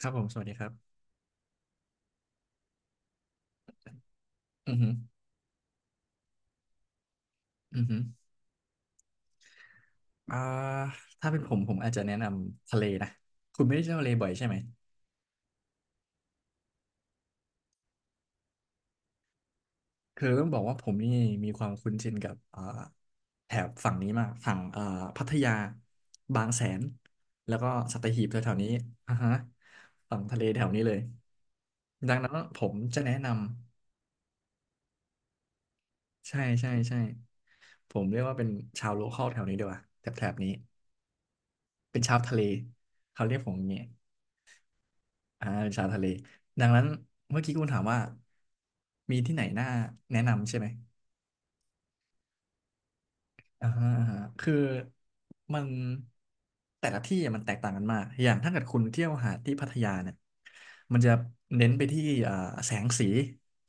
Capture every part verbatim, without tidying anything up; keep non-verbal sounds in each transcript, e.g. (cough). ครับผมสวัสดีครับอือหืออือหืออ่าถ้าเป็นผมผมอาจจะแนะนำทะเลนะคุณไม่ได้เที่ยวทะเลบ่อยใช่ไหมคือต้องบอกว่าผมนี่มีความคุ้นชินกับอ่าแถบฝั่งนี้มากฝั่งอ่าพัทยาบางแสนแล้วก็สัตหีบแถวๆนี้อ่าฮะฝั่งทะเลแถวนี้เลยดังนั้นผมจะแนะนำใช่ใช่ใช่ผมเรียกว่าเป็นชาวโลคอลแถวนี้ดีกว่าแถบแถบนี้เป็นชาวทะเลเขาเรียกผมอย่างนี้ อ่าเป็นชาทะเลดังนั้นเมื่อกี้คุณถามว่ามีที่ไหนน่าแนะนำใช่ไหมอ่าฮะอ่าฮะคือมันแต่ละที่มันแตกต่างกันมากอย่างถ้าเกิดคุณเที่ยวหาดที่พัทยาเนี่ยมันจะเน้นไปที่อ่าแสงสี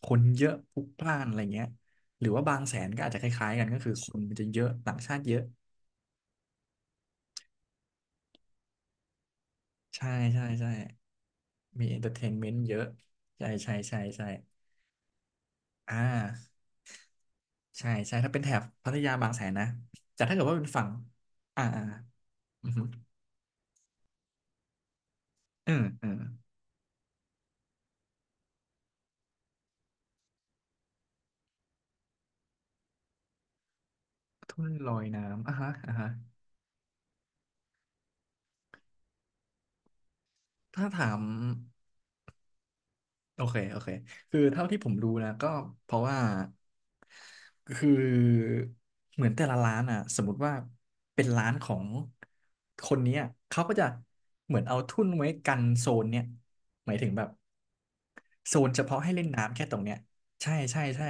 คนเยอะพลุกพล่านอะไรเงี้ยหรือว่าบางแสนก็อาจจะคล้ายๆกันก็คือคนมันจะเยอะต่างชาติเยอะใช่ใช่ใช่มีเอนเตอร์เทนเมนต์เยอะใช่ใช่ใช่ใช่อ่า ใช่ใช่ถ้าเป็นแถบพัทยาบางแสนนะแต่ถ้าเกิดว่าเป็นฝั่งอ่าอ่าอือฮึเออเออทุ่นลอยน้ำอ่ะฮะอ่ะฮะถ้าถามโอเคโอเคคือเท่าที่ผมรู้นะก็เพราะว่าคือเหมือนแต่ละร้านอ่ะสมมติว่าเป็นร้านของคนเนี้ยเขาก็จะเหมือนเอาทุ่นไว้กันโซนเนี้ยหมายถึงแบบโซนเฉพาะให้เล่นน้ำแค่ตรงเนี้ยใช่ใช่ใช่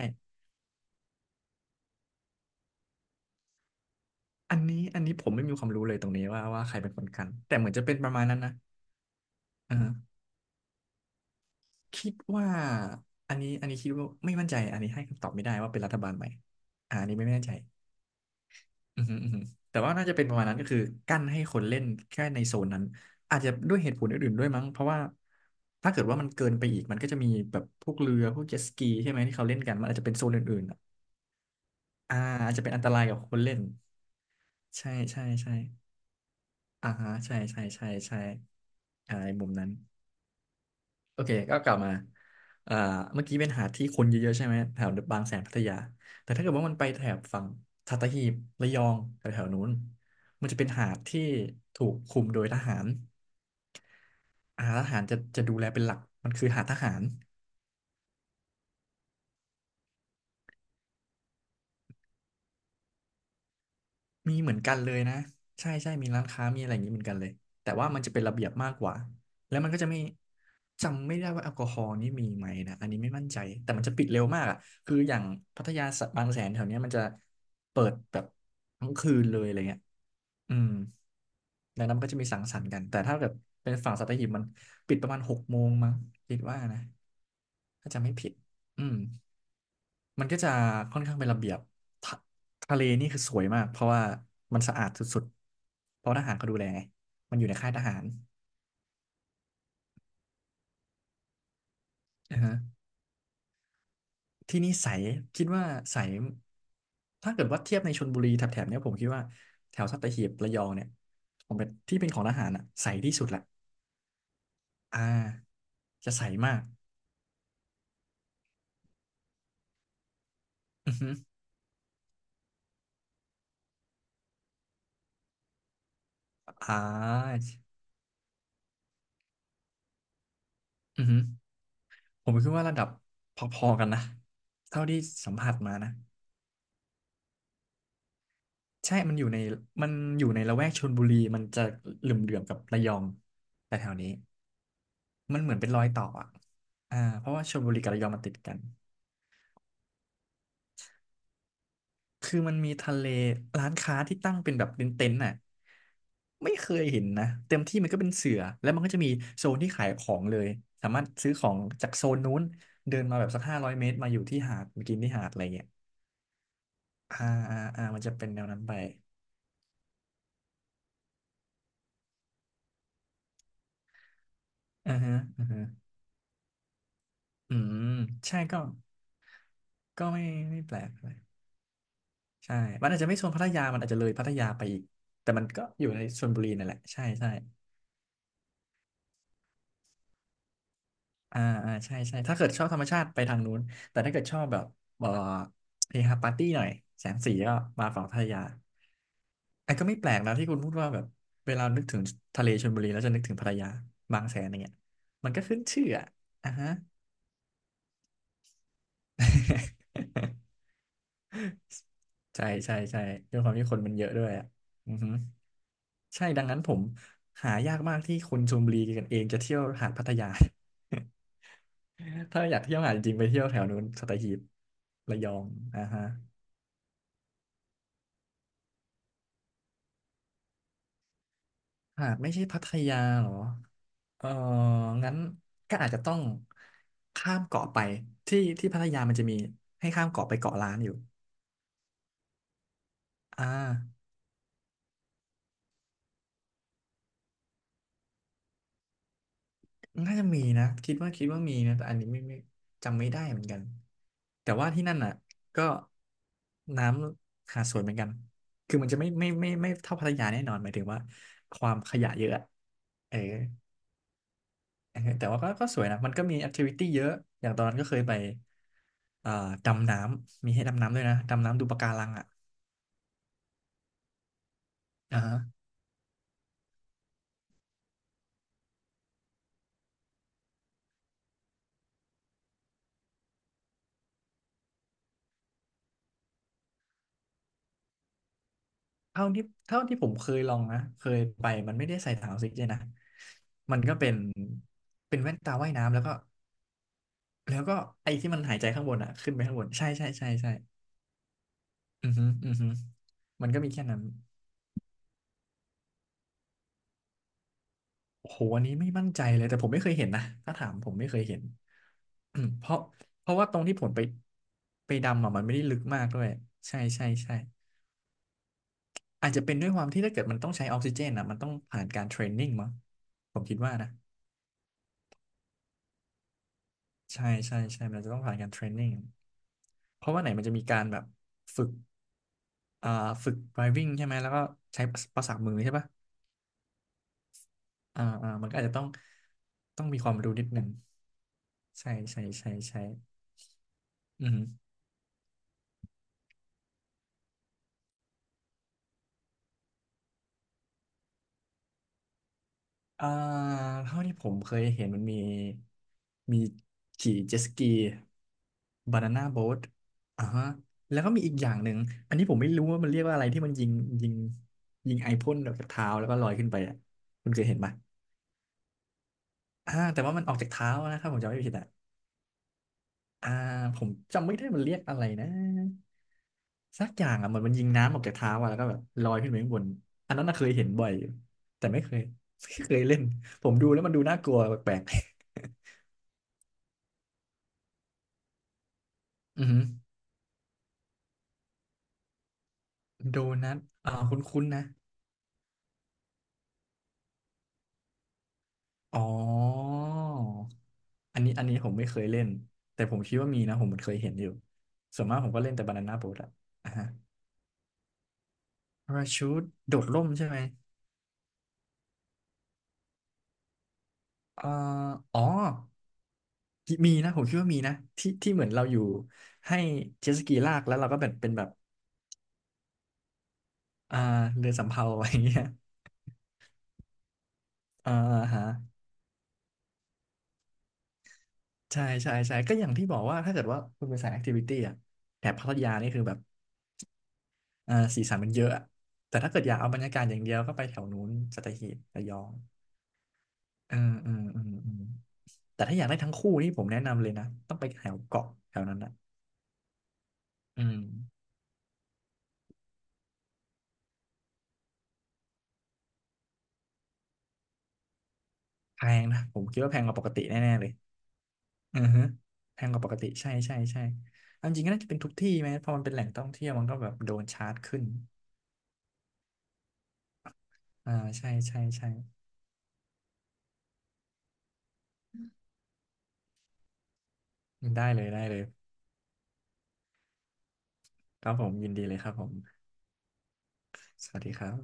อันนี้อันนี้ผมไม่มีความรู้เลยตรงนี้ว่าว่าใครเป็นคนกันแต่เหมือนจะเป็นประมาณนั้นนะอ่าคิดว่าอันนี้อันนี้คิดว่าไม่มั่นใจอันนี้ให้คำตอบไม่ได้ว่าเป็นรัฐบาลไหมอ่าอันนี้ไม่แน่ใจอือฮึอือฮึแต่ว่าน่าจะเป็นประมาณนั้นก็คือกั้นให้คนเล่นแค่ในโซนนั้นอาจจะด้วยเหตุผลอื่นๆด้วยมั้งเพราะว่าถ้าเกิดว่ามันเกินไปอีกมันก็จะมีแบบพวกเรือพวกเจ็ตสกีใช่ไหมที่เขาเล่นกันมันอาจจะเป็นโซนอื่นๆอะอ่าอาจจะเป็นอันตรายกับคนเล่นใช่ใช่ใช่อ่าฮะใช่ใช่ใช่ใช่อ่าในมุมนั้น โอเคก็กลับมาอ่าเมื่อกี้เป็นหาดที่คนเยอะๆใช่ไหม แถวบางแสนพัทยา แต่ถ้าเกิดว่ามันไปแถบฝั่งสัตหีบระยองแถวๆนู้นมันจะเป็นหาดที่ถูกคุมโดยทหารอาทหารจะจะดูแลเป็นหลัก มันคือหาดทหาร มีเหมือนกันเลยนะใช่ใช่มีร้านค้ามีอะไรอย่างนี้เหมือนกันเลยแต่ว่ามันจะเป็นระเบียบมากกว่าแล้วมันก็จะไม่จำไม่ได้ว่าแอลกอฮอล์นี่มีไหมนะอันนี้ไม่มั่นใจแต่มันจะปิดเร็วมากอ่ะคืออย่างพัทยาสะบางแสนแถวเนี้ยมันจะเปิดแบบทั้งคืนเลยอะไรเงี้ยอืมดังนั้นมันก็จะมีสังสรรค์กันแต่ถ้าแบบเป็นฝั่งสัตหีบมันปิดประมาณหกโมงมั้งคิดว่านะถ้าจำไม่ผิด อืมมันก็จะค่อนข้างเป็นระเบียบทะทะเลนี่คือสวยมากเพราะว่ามันสะอาดสุดๆเพราะทหารเขาดูแลไงมันอยู่ในค่ายทหารอ่าฮะที่นี่ใสคิดว่าใสถ้าเกิดว่าเทียบในชลบุรีแถบๆเนี้ยผมคิดว่าแถวสัตหีบระยองเนี่ยผมเป็นที่เป็นของทหารอ่ะใสที่สุดแหละอ่าจะใสมากอือฮึอ่าอือฮึผมคิดว่าระดับพอๆกันนะเท่าที่สัมผัสมานะ ใช่ มันอยู่ในมันอยู่ในละแวกชลบุรีมันจะเหลื่อมๆกับระยองแต่แถวนี้มันเหมือนเป็นรอยต่ออ่ะอ่าเพราะว่าชลบุรีกับระยองมันติดกันคือมันมีทะเลร้านค้าที่ตั้งเป็นแบบเป็นเต็นท์น่ะไม่เคยเห็นนะเต็มที่มันก็เป็นเสือแล้วมันก็จะมีโซนที่ขายของเลยสามารถซื้อของจากโซนนู้นเดินมาแบบสักห้าร้อยเมตรมาอยู่ที่หาดมากินที่หาดอะไรเงี้ยอ่าอ่าอ่ามันจะเป็นแนวนั้นไปอือฮะอือฮะอืมใช่ก็ ก็ไม่ไม่แปลกเลยใช่มันอาจจะไม่โซนพัทยามันอาจจะเลยพัทยาไปอีกแต่มันก็อยู่ในชลบุรีนั่นแหละใช่ใช่อ่าอ่าใช่ใช่ถ้าเกิดชอบธรรมชาติไปทางนู้นแต่ถ้าเกิดชอบแบบเอ่อเฮฮาปาร์ตี้หน่อยแสงสีก็มาฝั่งพัทยาไอ้ก็ไม่แปลกนะที่คุณพูดว่าแบบเวลานึกถึงทะเลชลบุรีแล้วจะนึกถึงพัทยาบางแสนอย่างเงี้ยมันก็ขึ้นชื่ออ่ะอ่ะฮะ (laughs) ใช่ใช่ใช่ด้วยความที่คนมันเยอะด้วยอ่ะอือฮึใช่ดังนั้นผมหายากมากที่คนชลบุรีกันเองจะเที่ยวหาดพัทยา (laughs) ถ้าอยากเที่ยวหาดจริงๆไปเที่ยวแถวนู้นสัตหีบระยองอ่าฮะหากไม่ใช่พัทยาเหรอเอองั้นก็อาจจะต้องข้ามเกาะไปที่ที่พัทยามันจะมีให้ข้ามเกาะไปเกาะล้านอยู่อ่า น่าจะมีนะคิดว่าคิดว่ามีนะแต่อันนี้ไม่ไม่จำไม่ได้เหมือนกันแต่ว่าที่นั่นอ่ะก็น้ำหาดสวยเหมือนกันคือมันจะไม่ไม่ไม่ไม่เท่าพัทยาแน่นอนหมายถึงว่าความขยะเยอะอะเออเออแต่ว่าก็ก็สวยนะมันก็มีแอคทิวิตี้เยอะอย่างตอนนั้นก็เคยไปเอ่อดำน้ำมีให้ดำน้ำด้วยนะดำน้ำดูปะการังอ่ะอ่าฮะเท่าที่เท่าที่ผมเคยลองนะเคยไปมันไม่ได้ใส่ถังออกซิเจนนะมันก็เป็นเป็นแว่นตาว่ายน้ำแล้วก็ แล้วก็ไอ้ที่มันหายใจข้างบนอ่ะขึ้นไปข้างบนใช่ใช่ใช่ใช่อือฮึอือฮึมันก็มีแค่นั้นโอ้โหอันนี้ไม่มั่นใจเลยแต่ผมไม่เคยเห็นนะถ้าถามผมไม่เคยเห็นอืมเพราะเพราะว่าตรงที่ผมไปไปดำอ่ะมันไม่ได้ลึกมากด้วยใช่ใช่ใช่อาจจะเป็นด้วยความที่ถ้าเกิดมันต้องใช้ออกซิเจนอ่ะมันต้องผ่านการเทรนนิ่งมั้งผมคิดว่านะใช่ใช่ใช่มันจะต้องผ่านการเทรนนิ่งเพราะว่าไหนมันจะมีการแบบฝึกอ่าฝึก ไดรฟ์วิ่ง ใช่ไหมแล้วก็ใช้ประสาทมือใช่ปะ อ่าอ่ามันก็อาจจะต้องต้องมีความรู้นิดหนึ่งใช่ใช่ใช่ใช่อืมอ่าเท่าที่ผมเคยเห็นมันมีมีขี่เจ็ตสกีบานาน่าโบ๊ทอ่าฮะแล้วก็มีอีกอย่างหนึ่งอันนี้ผมไม่รู้ว่ามันเรียกว่าอะไรที่มันยิงยิงยิงไอพ่นออกจากเท้าแล้วก็ลอยขึ้นไปอ่ะคุณเคยเห็นปะอ่าแต่ว่ามันออกจากเท้านะครับผมจำไม่ผิดอ่ะ อ่าผมจำไม่ได้มันเรียกอะไรนะสักอย่างอ่ะเหมือนมันยิงน้ำออกจากเท้าอ่ะแล้วก็แบบลอยขึ้นไปข้างบนอันนั้นน่ะเคยเห็นบ่อยอยู่แต่ไม่เคยไม่เคยเล่นผมดูแล้วมันดูน่ากลัวแปลกๆอือหือโดนัทอ่าคุ้นๆนะอ๋ออันนี้อันนี้ผมไม่เคยเล่นแต่ผมคิดว่ามีนะผมเหมือนเคยเห็นอยู่ส่วนมากผมก็เล่นแต่บานาน่าโบ๊ทอะอ่าฮะพาราชูทโดดร่มใช่ไหมอ่าอ๋อ มีนะผมคิดว่ามีนะที่ที่เหมือนเราอยู่ให้เจ็ตสกีลากแล้วเราก็แบบเป็นแบบอ่าเรือสำเภา (laughs) อะไรอย่างเงี้ยอ่าฮะใช่ใช่ใช่ก็อย่างที่บอกว่าถ้าเกิดว่าคุณเป็นสายแอคทิวิตี้อะแถบพัทยานี่คือแบบเอ่อสีสันมันเยอะอะแต่ถ้าเกิดอยากเอาบรรยากาศอย่างเดียวก็ไปแถวนู้นสัตหีบระยองเออเออเออเออแต่ถ้าอยากได้ทั้งคู่นี่ผมแนะนำเลยนะต้องไปแถวเกาะแถวนั้นนะอืมแพงนะผมคิดว่าแพงกว่าปกติแน่ๆเลย อือฮะแพงกว่าปกติใช่ใช่ใช่เอาจริงก็น่าจะเป็นทุกที่ไหมพอมันเป็นแหล่งท่องเที่ยวมันก็แบบโดนชาร์จขึ้นอ่าใช่ใช่ใช่ได้เลยได้เลยครับผมยินดีเลยครับผมสวัสดีครับ